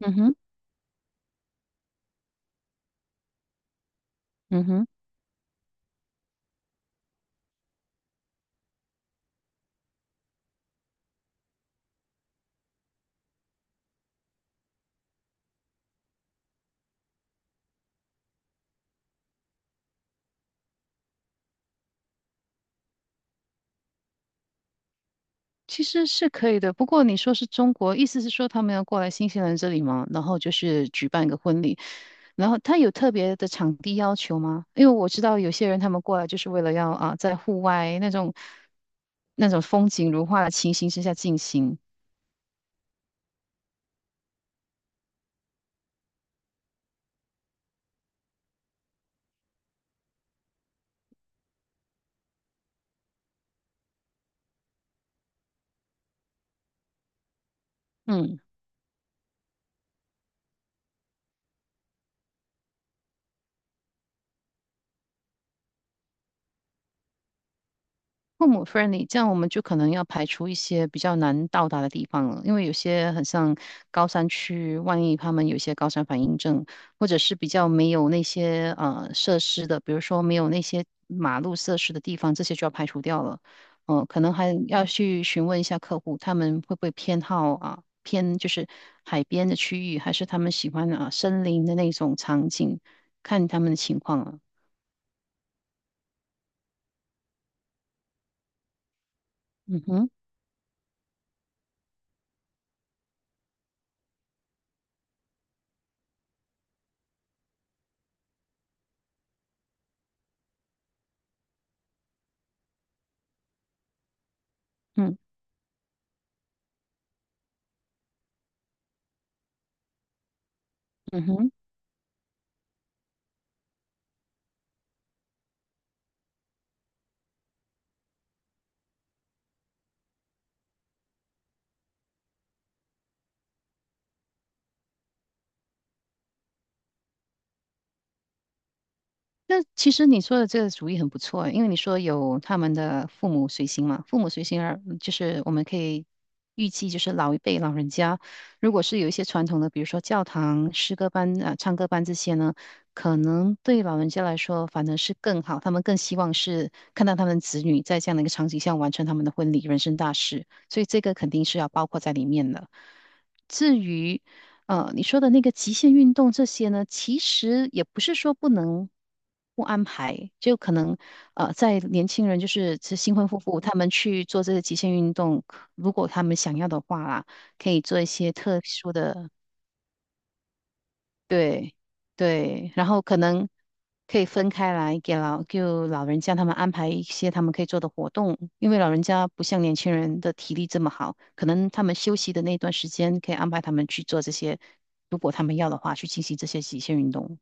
嗯哼。嗯哼。其实是可以的。不过你说是中国，意思是说他们要过来新西兰这里吗？然后就是举办一个婚礼，然后他有特别的场地要求吗？因为我知道有些人他们过来就是为了要啊，在户外那种风景如画的情形之下进行。嗯。父母 friendly，这样我们就可能要排除一些比较难到达的地方了，因为有些很像高山区，万一他们有一些高山反应症，或者是比较没有那些设施的，比如说没有那些马路设施的地方，这些就要排除掉了。嗯，可能还要去询问一下客户，他们会不会偏好啊偏就是海边的区域，还是他们喜欢啊森林的那种场景，看他们的情况了。嗯哼。嗯嗯哼。那其实你说的这个主意很不错，因为你说有他们的父母随行嘛，父母随行而就是我们可以预计，就是老一辈老人家，如果是有一些传统的，比如说教堂、诗歌班、啊、唱歌班这些呢，可能对老人家来说反而是更好，他们更希望是看到他们子女在这样的一个场景下完成他们的婚礼、人生大事，所以这个肯定是要包括在里面的。至于你说的那个极限运动这些呢，其实也不是说不能不安排，就可能在年轻人就是这新婚夫妇他们去做这些极限运动，如果他们想要的话啦，可以做一些特殊的对。对，然后可能可以分开来给老，就老人家他们安排一些他们可以做的活动，因为老人家不像年轻人的体力这么好，可能他们休息的那段时间可以安排他们去做这些，如果他们要的话，去进行这些极限运动。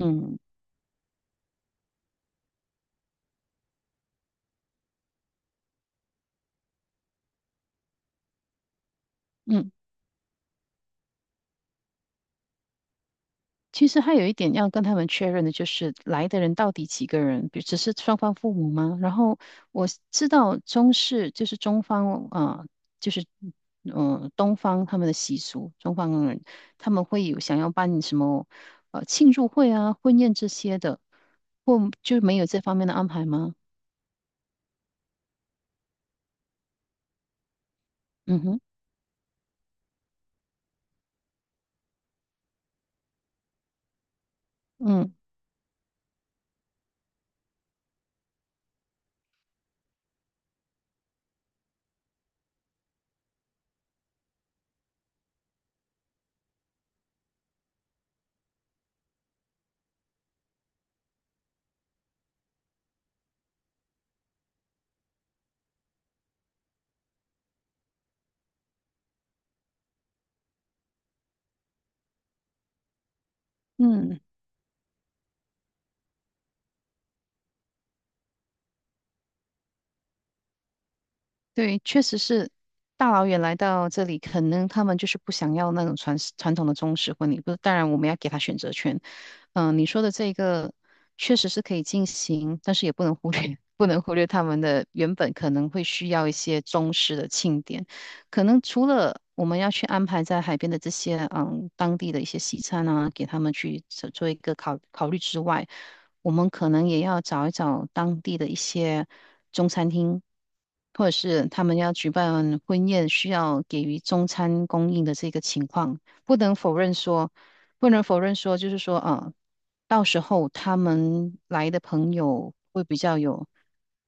嗯。嗯。其实还有一点要跟他们确认的，就是来的人到底几个人，比只是双方父母吗？然后我知道中式就是中方就是嗯、东方他们的习俗，中方人他们会有想要办什么庆祝会啊、婚宴这些的，或就没有这方面的安排吗？嗯哼。嗯。嗯。对，确实是大老远来到这里，可能他们就是不想要那种传传统的中式婚礼。不是，当然我们要给他选择权。嗯，你说的这个确实是可以进行，但是也不能忽略，不能忽略他们的原本可能会需要一些中式的庆典。可能除了我们要去安排在海边的这些嗯当地的一些西餐啊，给他们去做做一个考考虑之外，我们可能也要找一找当地的一些中餐厅，或者是他们要举办婚宴需要给予中餐供应的这个情况，不能否认说，不能否认说，就是说啊，到时候他们来的朋友会比较有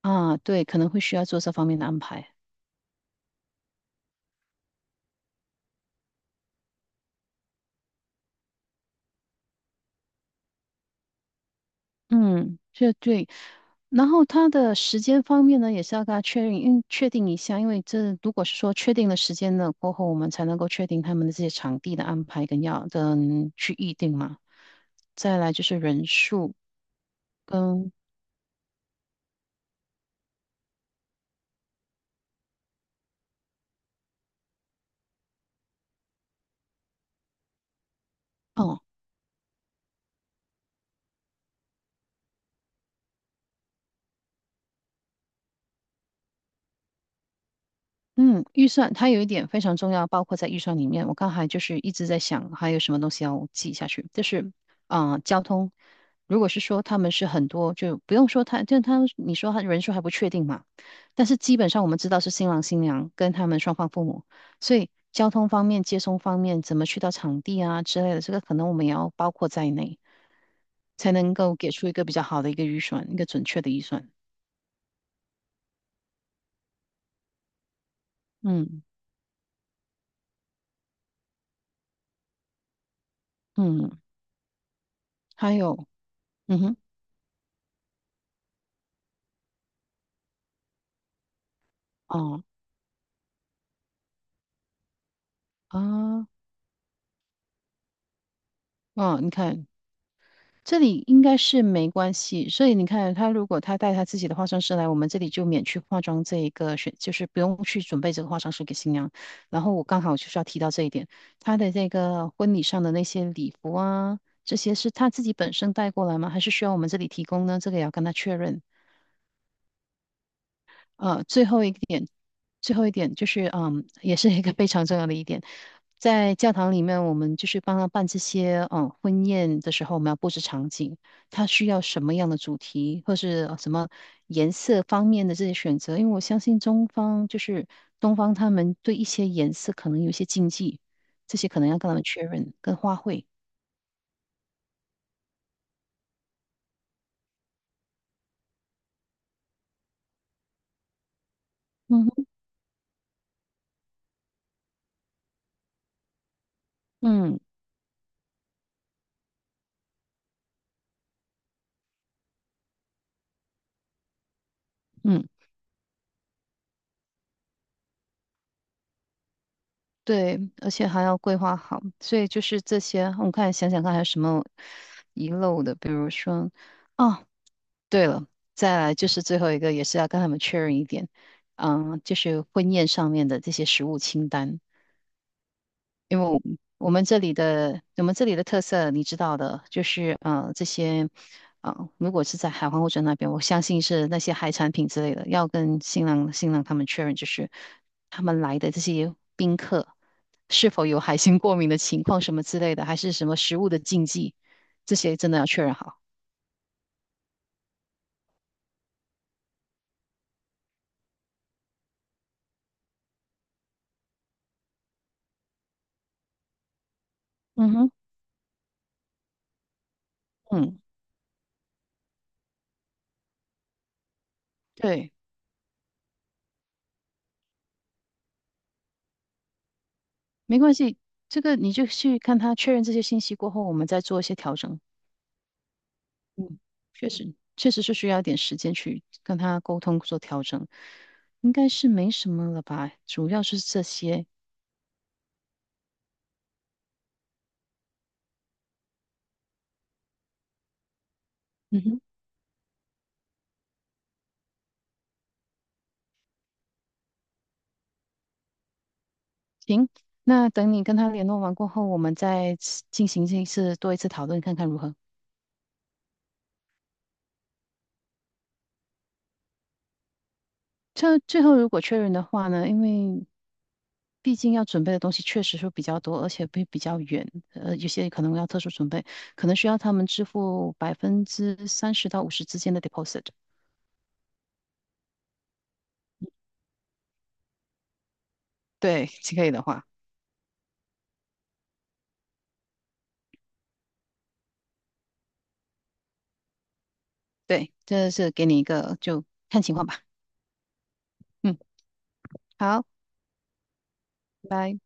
啊。对，可能会需要做这方面的安排。嗯，这对。然后他的时间方面呢，也是要跟他确认，因为确定一下，因为这如果是说确定了时间了过后，我们才能够确定他们的这些场地的安排跟要跟去预定嘛。再来就是人数跟，哦，嗯，预算它有一点非常重要，包括在预算里面。我刚才就是一直在想，还有什么东西要记下去，就是交通。如果是说他们是很多，就不用说他，就他你说他人数还不确定嘛，但是基本上我们知道是新郎新娘跟他们双方父母，所以交通方面、接送方面，怎么去到场地啊之类的，这个可能我们也要包括在内，才能够给出一个比较好的一个预算，一个准确的预算。嗯。嗯。还有。嗯哼。哦。啊。嗯，你看这里应该是没关系，所以你看他如果他带他自己的化妆师来，我们这里就免去化妆这一个选，就是不用去准备这个化妆师给新娘。然后我刚好就是要提到这一点，他的这个婚礼上的那些礼服啊，这些是他自己本身带过来吗？还是需要我们这里提供呢？这个也要跟他确认。最后一点。最后一点就是，嗯，也是一个非常重要的一点，在教堂里面，我们就是帮他办这些，嗯，婚宴的时候，我们要布置场景，他需要什么样的主题，或是什么颜色方面的这些选择，因为我相信中方就是东方，他们对一些颜色可能有一些禁忌，这些可能要跟他们确认，跟花卉，嗯哼。嗯。嗯。对，而且还要规划好，所以就是这些。我看想想看还有什么遗漏的，比如说，哦，对了，再来就是最后一个，也是要跟他们确认一点，嗯，就是婚宴上面的这些食物清单。因为我们我们这里的我们这里的特色你知道的，就是这些，如果是在海皇欧洲那边，我相信是那些海产品之类的，要跟新郎他们确认，就是他们来的这些宾客是否有海鲜过敏的情况什么之类的，还是什么食物的禁忌，这些真的要确认好。嗯哼。嗯。对，没关系，这个你就去看他确认这些信息过后，我们再做一些调整。嗯，确实，确实是需要一点时间去跟他沟通做调整，应该是没什么了吧，主要是这些。嗯哼。行，那等你跟他联络完过后，我们再次进行这一次多一次讨论，看看如何。这最后如果确认的话呢，因为毕竟要准备的东西确实是比较多，而且会比较远，有些可能要特殊准备，可能需要他们支付30%到50之间的 deposit。对，可以的话。对，这是给你一个，就看情况吧。嗯，好，拜拜。